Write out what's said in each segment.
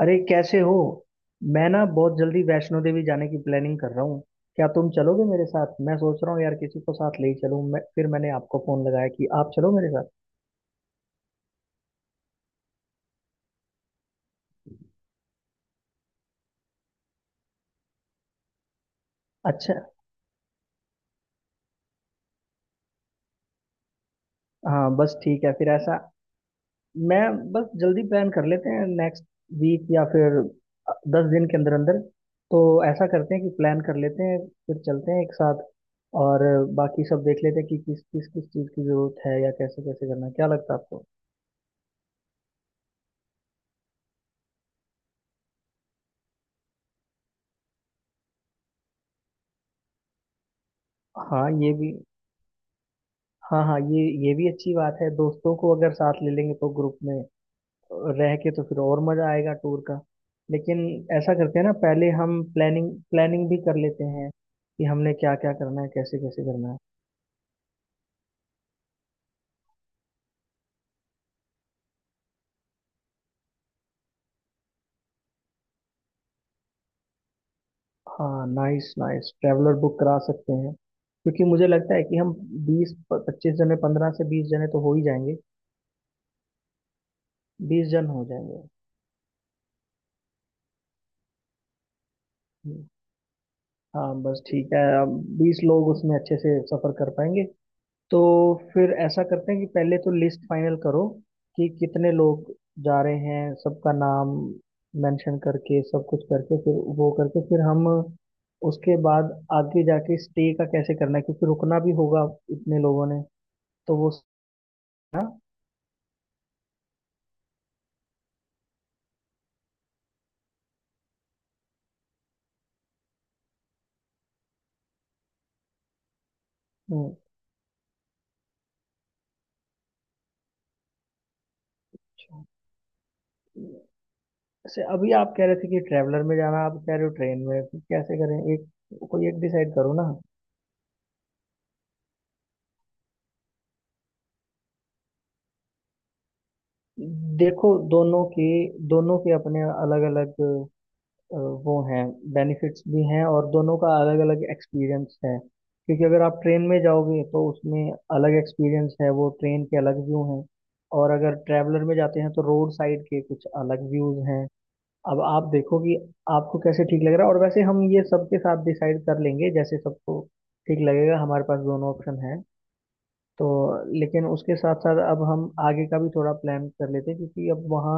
अरे कैसे हो। मैं ना बहुत जल्दी वैष्णो देवी जाने की प्लानिंग कर रहा हूँ। क्या तुम चलोगे मेरे साथ? मैं सोच रहा हूँ यार, किसी को साथ ले ही चलूँ। मैं फिर मैंने आपको फोन लगाया कि आप चलो मेरे साथ। अच्छा, हाँ बस ठीक है। फिर ऐसा मैं बस जल्दी प्लान कर लेते हैं, नेक्स्ट वीक या फिर 10 दिन के अंदर अंदर। तो ऐसा करते हैं कि प्लान कर लेते हैं, फिर चलते हैं एक साथ, और बाकी सब देख लेते हैं कि किस किस किस चीज़ की ज़रूरत है या कैसे कैसे करना है। क्या लगता है आपको? हाँ ये भी, हाँ हाँ ये भी अच्छी बात है। दोस्तों को अगर साथ ले लेंगे तो ग्रुप में रह के तो फिर और मजा आएगा टूर का। लेकिन ऐसा करते हैं ना, पहले हम प्लानिंग प्लानिंग भी कर लेते हैं कि हमने क्या क्या करना है, कैसे कैसे करना है। हाँ नाइस नाइस, ट्रैवलर बुक करा सकते हैं क्योंकि मुझे लगता है कि हम 20-25 जने, 15 से 20 जने तो हो ही जाएंगे। 20 जन हो जाएंगे। हम्म, हाँ बस ठीक है। अब 20 लोग उसमें अच्छे से सफर कर पाएंगे। तो फिर ऐसा करते हैं कि पहले तो लिस्ट फाइनल करो कि कितने लोग जा रहे हैं, सबका नाम मेंशन करके सब कुछ करके फिर वो करके फिर हम उसके बाद आगे जाके स्टे का कैसे करना है, क्योंकि रुकना भी होगा इतने लोगों ने। तो वो ना। हम्म, जैसे अभी आप कह रहे थे कि ट्रैवलर में जाना, आप कह रहे हो ट्रेन में, फिर कैसे करें? एक कोई एक डिसाइड करो ना। देखो दोनों के अपने अलग अलग अ, वो हैं, बेनिफिट्स भी हैं, और दोनों का अलग अलग एक्सपीरियंस है। क्योंकि अगर आप ट्रेन में जाओगे तो उसमें अलग एक्सपीरियंस है, वो ट्रेन के अलग व्यू हैं। और अगर ट्रैवलर में जाते हैं तो रोड साइड के कुछ अलग व्यूज हैं। अब आप देखो कि आपको कैसे ठीक लग रहा है, और वैसे हम ये सबके साथ डिसाइड कर लेंगे, जैसे सबको ठीक लगेगा। हमारे पास दोनों ऑप्शन है तो। लेकिन उसके साथ साथ अब हम आगे का भी थोड़ा प्लान कर लेते हैं, क्योंकि अब वहाँ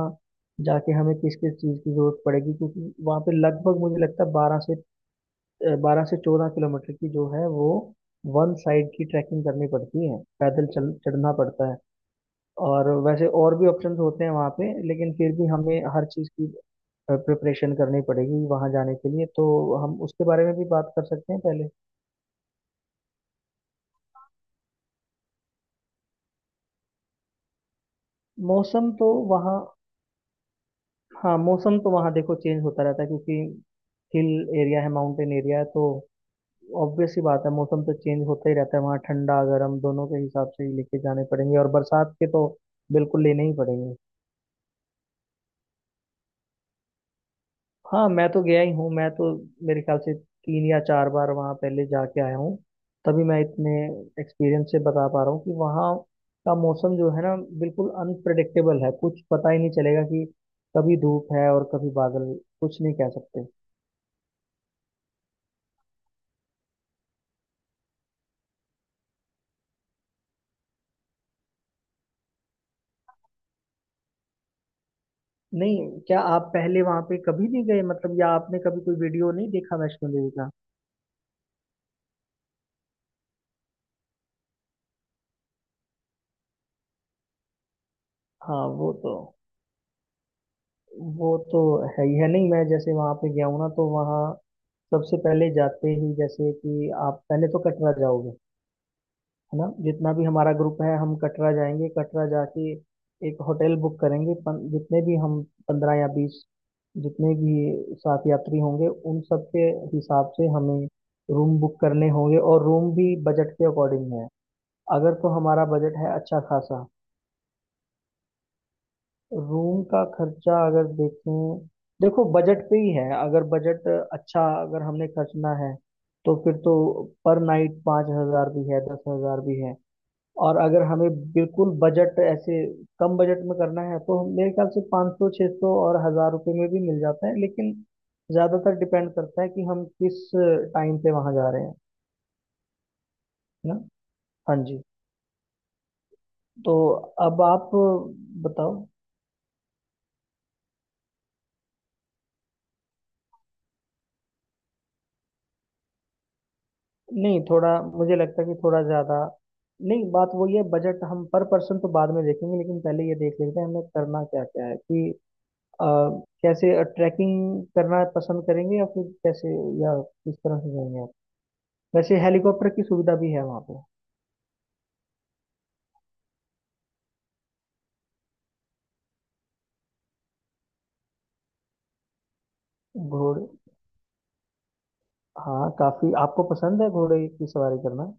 जाके हमें किस किस चीज़ की जरूरत पड़ेगी, क्योंकि वहाँ पे लगभग मुझे लगता है 12 से 14 किलोमीटर की जो है वो वन साइड की ट्रैकिंग करनी पड़ती है, पैदल चल चढ़ना पड़ता है। और वैसे और भी ऑप्शंस होते हैं वहाँ पे, लेकिन फिर भी हमें हर चीज़ की प्रिपरेशन करनी पड़ेगी वहाँ जाने के लिए, तो हम उसके बारे में भी बात कर सकते हैं पहले। मौसम तो वहाँ, हाँ मौसम तो वहाँ देखो चेंज होता रहता है क्योंकि हिल एरिया है, माउंटेन एरिया है, तो ऑब्वियस ही बात है, मौसम तो चेंज होता ही रहता है वहाँ। ठंडा गर्म दोनों के हिसाब से ही लेके जाने पड़ेंगे, और बरसात के तो बिल्कुल लेने ही पड़ेंगे। हाँ मैं तो गया ही हूँ। मैं तो मेरे ख्याल से 3 या 4 बार वहाँ पहले जाके आया हूँ। तभी मैं इतने एक्सपीरियंस से बता पा रहा हूँ कि वहाँ का मौसम जो है ना, बिल्कुल अनप्रडिक्टेबल है। कुछ पता ही नहीं चलेगा कि कभी धूप है और कभी बादल। कुछ नहीं कह सकते। नहीं, क्या आप पहले वहां पे कभी नहीं गए, मतलब या आपने कभी कोई वीडियो नहीं देखा वैष्णो देवी का? हाँ वो तो, वो तो है ही है। नहीं, मैं जैसे वहां पे गया हूँ ना तो वहाँ सबसे पहले जाते ही, जैसे कि आप पहले तो कटरा जाओगे, है ना। जितना भी हमारा ग्रुप है, हम कटरा जाएंगे। कटरा जाके एक होटल बुक करेंगे जितने भी हम 15 या 20, जितने भी साथ यात्री होंगे उन सब के हिसाब से हमें रूम बुक करने होंगे, और रूम भी बजट के अकॉर्डिंग है। अगर तो हमारा बजट है अच्छा खासा। रूम का खर्चा अगर देखें, देखो बजट पे ही है। अगर बजट अच्छा, अगर हमने खर्चना है तो फिर तो पर नाइट 5 हजार भी है, 10 हजार भी है। और अगर हमें बिल्कुल बजट ऐसे कम बजट में करना है तो मेरे ख्याल से 500 600 और 1000 रुपये में भी मिल जाता है। लेकिन ज़्यादातर डिपेंड करता है कि हम किस टाइम पे वहाँ जा रहे हैं, है ना। हाँ जी। तो अब आप बताओ। नहीं, थोड़ा मुझे लगता है कि थोड़ा ज्यादा, नहीं बात वही है। बजट हम पर पर्सन तो बाद में देखेंगे, लेकिन पहले ये देख लेते हैं हमें करना क्या क्या है कि अ, कैसे ट्रैकिंग करना पसंद करेंगे, या फिर कैसे, या किस तरह से जाएंगे आप। वैसे हेलीकॉप्टर की सुविधा भी है वहाँ पे। घोड़े, हाँ काफी आपको पसंद है घोड़े की सवारी करना।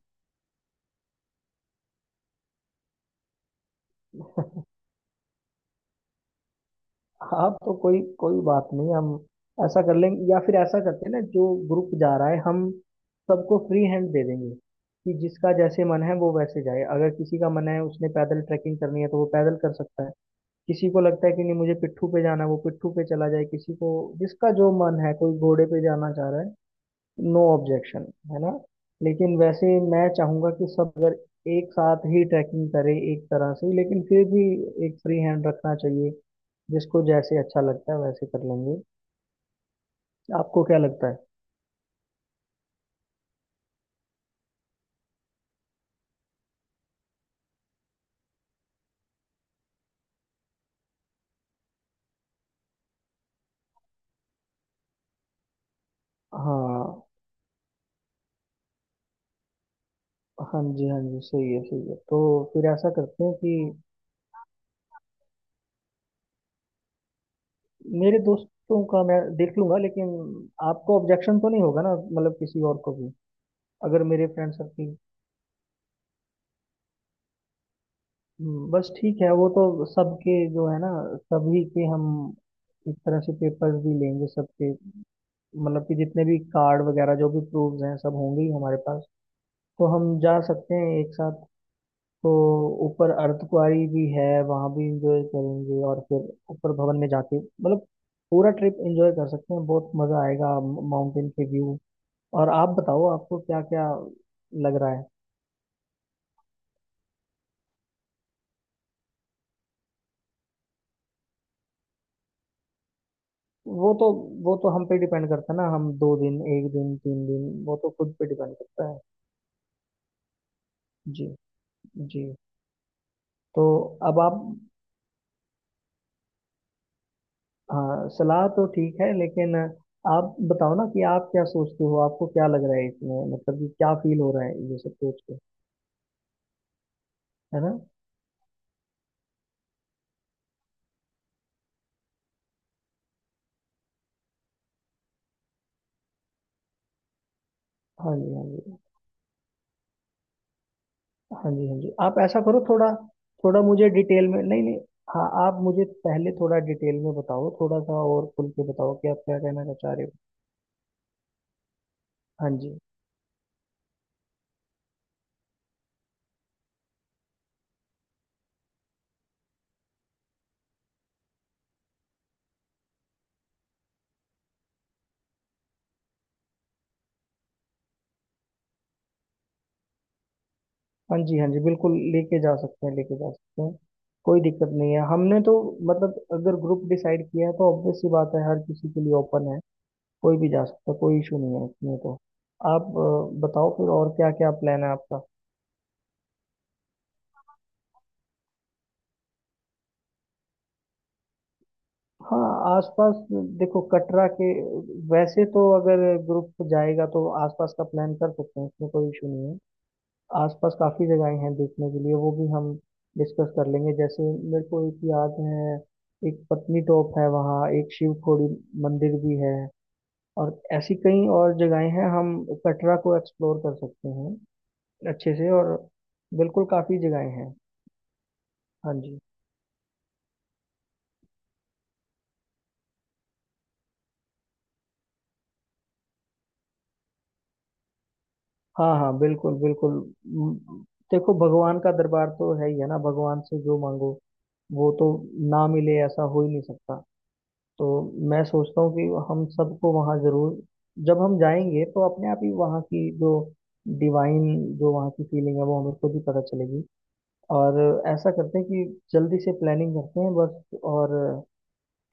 हाँ, तो कोई कोई बात नहीं, हम ऐसा कर लेंगे। या फिर ऐसा करते हैं ना, जो ग्रुप जा रहा है हम सबको फ्री हैंड दे देंगे कि जिसका जैसे मन है वो वैसे जाए। अगर किसी का मन है उसने पैदल ट्रैकिंग करनी है तो वो पैदल कर सकता है। किसी को लगता है कि नहीं मुझे पिट्ठू पे जाना है, वो पिट्ठू पे चला जाए। किसी को जिसका जो मन है, कोई घोड़े पे जाना चाह रहा है, नो ऑब्जेक्शन, है ना। लेकिन वैसे मैं चाहूंगा कि सब अगर एक साथ ही ट्रैकिंग करें एक तरह से, लेकिन फिर भी एक फ्री हैंड रखना चाहिए, जिसको जैसे अच्छा लगता है वैसे कर लेंगे। आपको क्या लगता है? हाँ, हाँ जी हाँ जी, सही है सही है। तो फिर ऐसा करते हैं कि मेरे दोस्तों का मैं देख लूंगा, लेकिन आपको ऑब्जेक्शन तो नहीं होगा ना, मतलब किसी और को भी, अगर मेरे फ्रेंड सर्कल। बस ठीक है, वो तो सबके जो है ना, सभी के हम इस तरह से पेपर्स भी लेंगे सबके, मतलब कि जितने भी कार्ड वगैरह जो भी प्रूफ्स हैं सब होंगे ही हमारे पास, तो हम जा सकते हैं एक साथ। तो ऊपर अर्धकुंवारी भी है, वहाँ भी इंजॉय करेंगे, और फिर ऊपर भवन में जाके मतलब पूरा ट्रिप इंजॉय कर सकते हैं, बहुत मज़ा आएगा। माउंटेन के व्यू। और आप बताओ आपको क्या क्या लग रहा है। वो तो, हम पे डिपेंड करता है ना। हम 2 दिन, एक दिन, 3 दिन, वो तो खुद पे डिपेंड करता है। जी। जी। तो अब आप, हाँ सलाह तो ठीक है, लेकिन आप बताओ ना कि आप क्या सोचते हो, आपको क्या लग रहा है इसमें, मतलब कि क्या फील हो रहा है ये सब सोच के, है ना। हाँ जी, हाँ जी, हाँ जी, हाँ जी, आप ऐसा करो थोड़ा, थोड़ा मुझे डिटेल में, नहीं नहीं, हाँ आप मुझे पहले थोड़ा डिटेल में बताओ, थोड़ा सा और खुल के बताओ कि आप क्या कहना चाह रहे हो। हाँ जी हाँ जी, हाँ जी बिल्कुल लेके जा सकते हैं, लेके जा सकते हैं। कोई दिक्कत नहीं है हमने तो, मतलब अगर ग्रुप डिसाइड किया है तो ऑब्वियस सी बात है, हर किसी के लिए ओपन है। कोई भी जा सकता है, कोई इशू नहीं है इसमें तो। आप बताओ फिर और क्या क्या प्लान है आपका। हाँ आसपास, देखो कटरा के वैसे तो अगर ग्रुप जाएगा तो आसपास का प्लान कर सकते हैं, इसमें कोई इशू नहीं है। आसपास काफ़ी जगहें हैं देखने के लिए, वो भी हम डिस्कस कर लेंगे। जैसे मेरे को एक याद है, एक पत्नीटॉप है, वहाँ एक शिवखोड़ी मंदिर भी है, और ऐसी कई और जगहें हैं। हम कटरा को एक्सप्लोर कर सकते हैं अच्छे से। और बिल्कुल काफ़ी जगहें हैं। हाँ जी। हाँ हाँ बिल्कुल बिल्कुल। म, देखो भगवान का दरबार तो है ही है ना, भगवान से जो मांगो वो तो ना मिले, ऐसा हो ही नहीं सकता। तो मैं सोचता हूँ कि हम सबको वहाँ जरूर, जब हम जाएंगे तो अपने आप ही वहाँ की जो डिवाइन, जो वहाँ की फीलिंग है वो हमें खुद ही पता चलेगी। और ऐसा करते हैं कि जल्दी से प्लानिंग करते हैं बस, और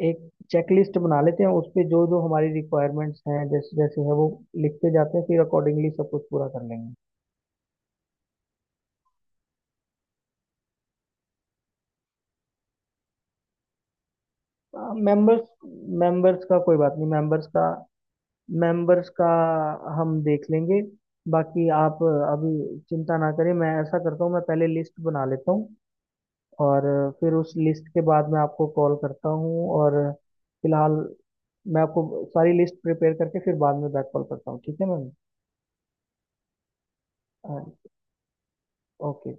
एक चेकलिस्ट बना लेते हैं, उस पे जो जो हमारी रिक्वायरमेंट्स हैं जैसे जैसे है वो लिखते जाते हैं, फिर अकॉर्डिंगली सब कुछ पूरा कर लेंगे। मेंबर्स मेंबर्स का कोई बात नहीं, मेंबर्स का हम देख लेंगे। बाकी आप अभी चिंता ना करें, मैं ऐसा करता हूँ, मैं पहले लिस्ट बना लेता हूँ, और फिर उस लिस्ट के बाद मैं आपको कॉल करता हूँ, और फिलहाल मैं आपको सारी लिस्ट प्रिपेयर करके फिर बाद में बैक कॉल करता हूँ, ठीक है मैम। हाँ, ओके।